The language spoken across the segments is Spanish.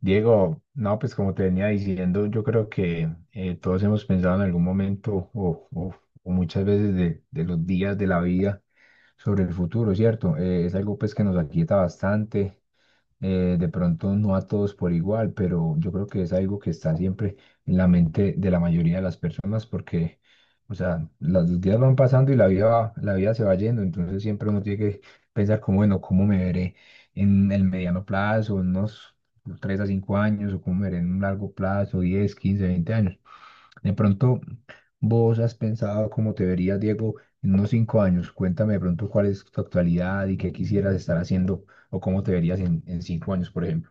Diego, no, pues como te venía diciendo, yo creo que todos hemos pensado en algún momento o muchas veces de los días de la vida sobre el futuro, ¿cierto? Es algo pues que nos aquieta bastante, de pronto no a todos por igual, pero yo creo que es algo que está siempre en la mente de la mayoría de las personas porque, o sea, los días van pasando y la vida se va yendo, entonces siempre uno tiene que pensar como, bueno, ¿cómo me veré en el mediano plazo, en unos 3 a 5 años, o cómo me veré en un largo plazo, 10 15 20 años? De pronto, vos has pensado cómo te verías, Diego, en unos 5 años. Cuéntame de pronto cuál es tu actualidad y qué quisieras estar haciendo o cómo te verías en 5 años, por ejemplo.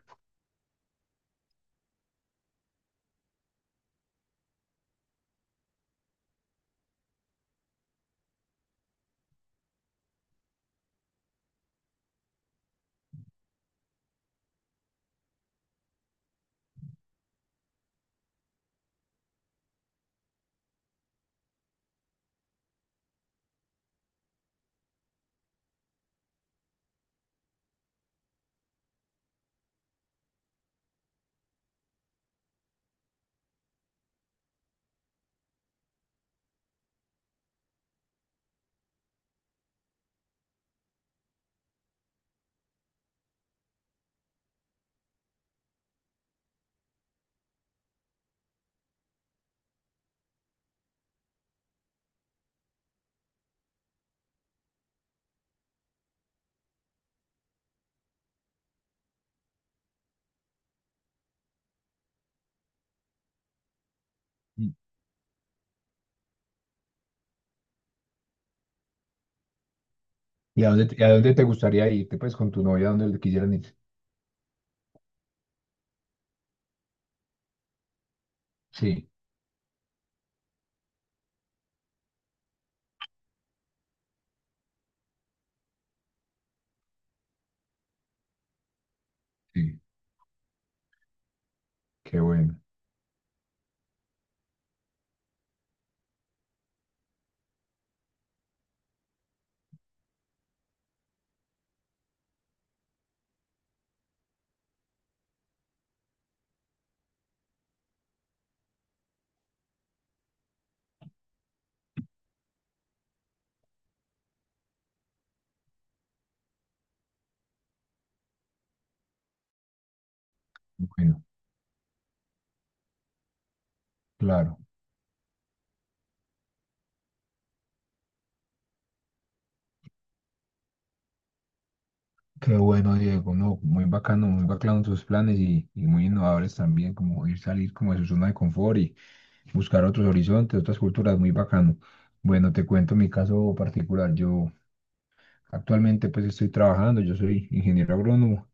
Mm. ¿Y a dónde, a dónde te gustaría irte, pues, con tu novia, a dónde le quisieran ir? Sí, sí, qué bueno, bueno, claro. Qué bueno, Diego, no, muy bacano tus planes y muy innovadores también, como ir salir como de su zona de confort y buscar otros horizontes, otras culturas, muy bacano. Bueno, te cuento mi caso particular. Yo actualmente pues estoy trabajando, yo soy ingeniero agrónomo.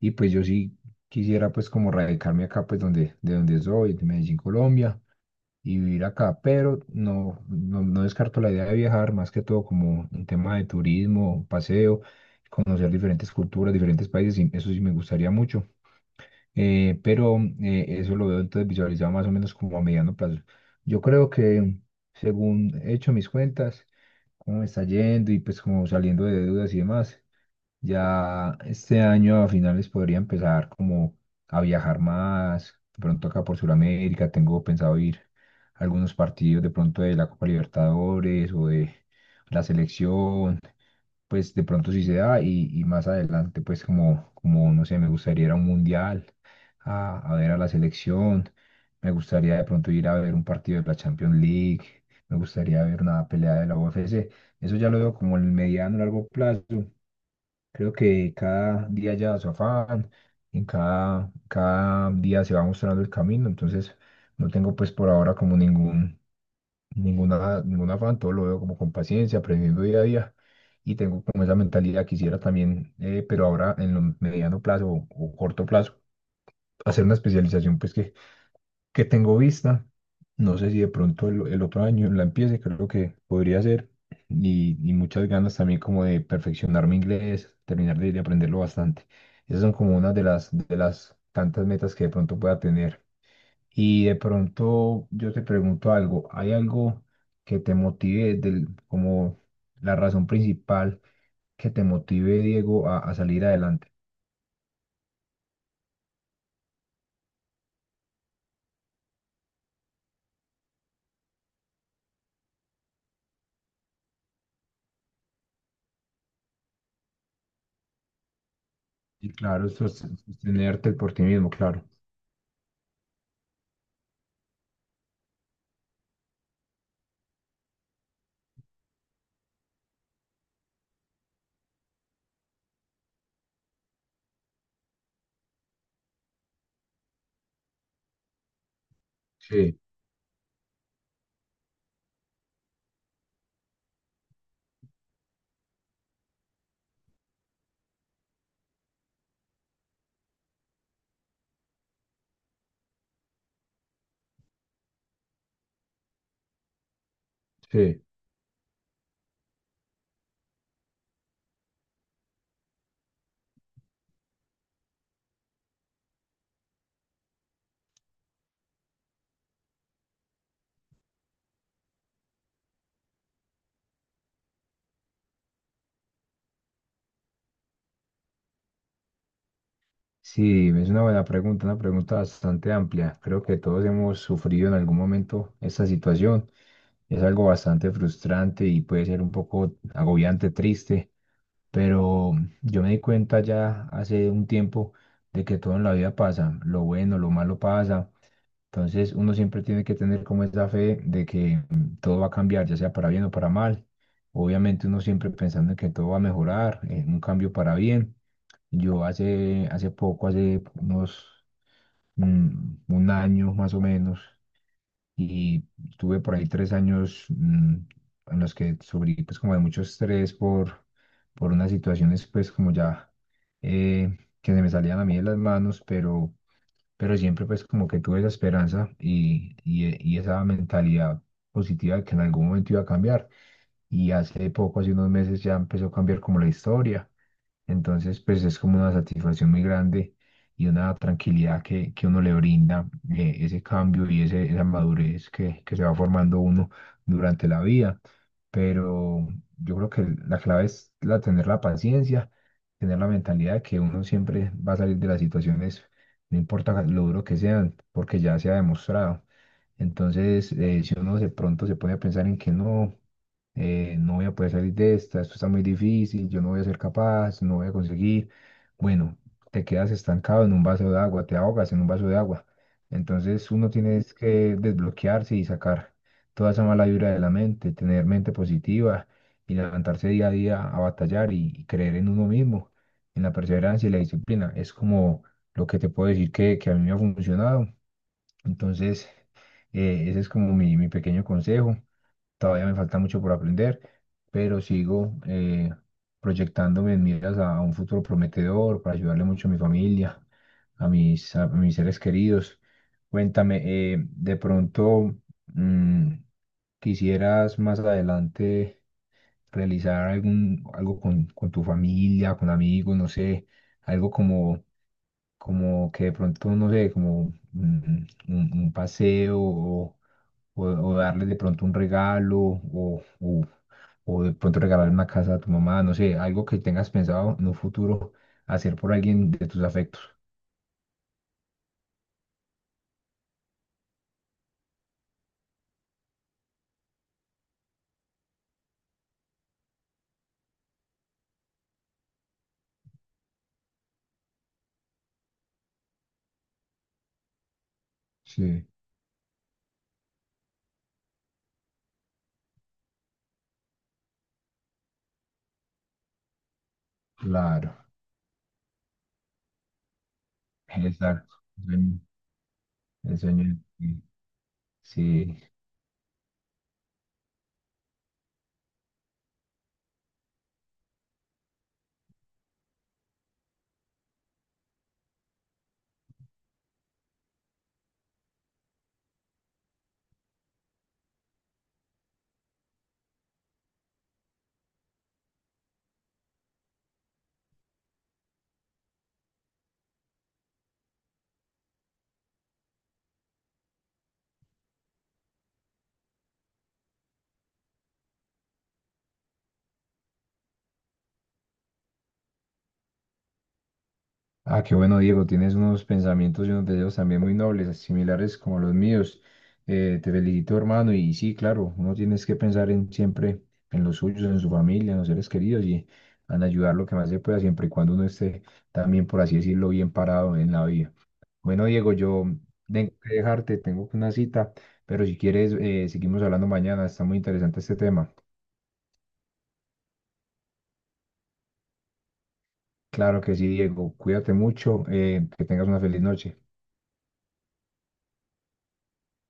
Y pues yo sí quisiera pues como radicarme acá pues donde, de donde soy, de Medellín, Colombia, y vivir acá, pero no, no, no descarto la idea de viajar, más que todo como un tema de turismo, paseo, conocer diferentes culturas, diferentes países, y eso sí me gustaría mucho. Pero eso lo veo entonces visualizado más o menos como a mediano plazo. Yo creo que según he hecho mis cuentas, cómo me está yendo y pues como saliendo de deudas y demás. Ya este año a finales podría empezar como a viajar más, de pronto acá por Sudamérica, tengo pensado ir a algunos partidos de pronto de la Copa Libertadores o de la selección, pues de pronto si se da y más adelante pues como, como, no sé, me gustaría ir a un mundial, a ver a la selección, me gustaría de pronto ir a ver un partido de la Champions League, me gustaría ver una pelea de la UFC, eso ya lo veo como en el mediano largo plazo. Creo que cada día lleva su afán, en cada día se va mostrando el camino, entonces no tengo pues por ahora como ningún, ninguna, ningún afán, todo lo veo como con paciencia, aprendiendo día a día y tengo como esa mentalidad, quisiera también, pero ahora en lo mediano plazo o corto plazo, hacer una especialización pues que tengo vista. No sé si de pronto el otro año la empiece, creo que podría ser. Y muchas ganas también como de perfeccionar mi inglés, terminar de aprenderlo bastante. Esas son como una de las tantas metas que de pronto pueda tener. Y de pronto yo te pregunto algo, ¿hay algo que te motive del, como la razón principal que te motive, Diego, a salir adelante? Y claro, eso es sostenerte por ti mismo, claro. Sí, sí. Sí, es una buena pregunta, una pregunta bastante amplia. Creo que todos hemos sufrido en algún momento esta situación. Es algo bastante frustrante y puede ser un poco agobiante, triste, pero yo me di cuenta ya hace un tiempo de que todo en la vida pasa. Lo bueno, lo malo pasa. Entonces uno siempre tiene que tener como esa fe de que todo va a cambiar, ya sea para bien o para mal. Obviamente uno siempre pensando en que todo va a mejorar, en un cambio para bien. Yo hace poco, hace unos un año más o menos, y tuve por ahí 3 años en los que sufrí pues como de mucho estrés por unas situaciones pues como ya eh, que se me salían a mí de las manos, pero siempre pues como que tuve esa esperanza y esa mentalidad positiva de que en algún momento iba a cambiar. Y hace poco, hace unos meses ya empezó a cambiar como la historia. Entonces, pues es como una satisfacción muy grande y una tranquilidad que uno le brinda ese cambio y esa madurez que se va formando uno durante la vida. Pero yo creo que la clave es tener la paciencia, tener la mentalidad de que uno siempre va a salir de las situaciones, no importa lo duro que sean, porque ya se ha demostrado. Entonces, si uno de pronto se pone a pensar en que no voy a poder salir de esta, esto está muy difícil, yo no voy a ser capaz, no voy a conseguir. Bueno, te quedas estancado en un vaso de agua, te ahogas en un vaso de agua. Entonces uno tiene es que desbloquearse y sacar toda esa mala vibra de la mente, tener mente positiva y levantarse día a día a batallar y creer en uno mismo, en la perseverancia y la disciplina. Es como lo que te puedo decir que a mí me ha funcionado. Entonces, ese es como mi pequeño consejo. Todavía me falta mucho por aprender, pero sigo proyectándome en miras a un futuro prometedor para ayudarle mucho a mi familia, a mis seres queridos. Cuéntame, de pronto, mm, ¿quisieras más adelante realizar algún, algo con tu familia, con amigos, no sé, algo como, que de pronto, no sé, como un paseo o darles de pronto un regalo, o de pronto regalar una casa a tu mamá, no sé, algo que tengas pensado en un futuro hacer por alguien de tus afectos. Sí, claro, exacto. El sueño, el sueño, sí, sí. Ah, qué bueno, Diego, tienes unos pensamientos y unos deseos también muy nobles, similares como los míos. Te felicito, hermano, y sí, claro, uno tienes que pensar en siempre en los suyos, en su familia, en los seres queridos y en ayudar lo que más se pueda, siempre y cuando uno esté también, por así decirlo, bien parado en la vida. Bueno, Diego, yo tengo que dejarte, tengo una cita, pero si quieres, seguimos hablando mañana, está muy interesante este tema. Claro que sí, Diego, cuídate mucho, que tengas una feliz noche.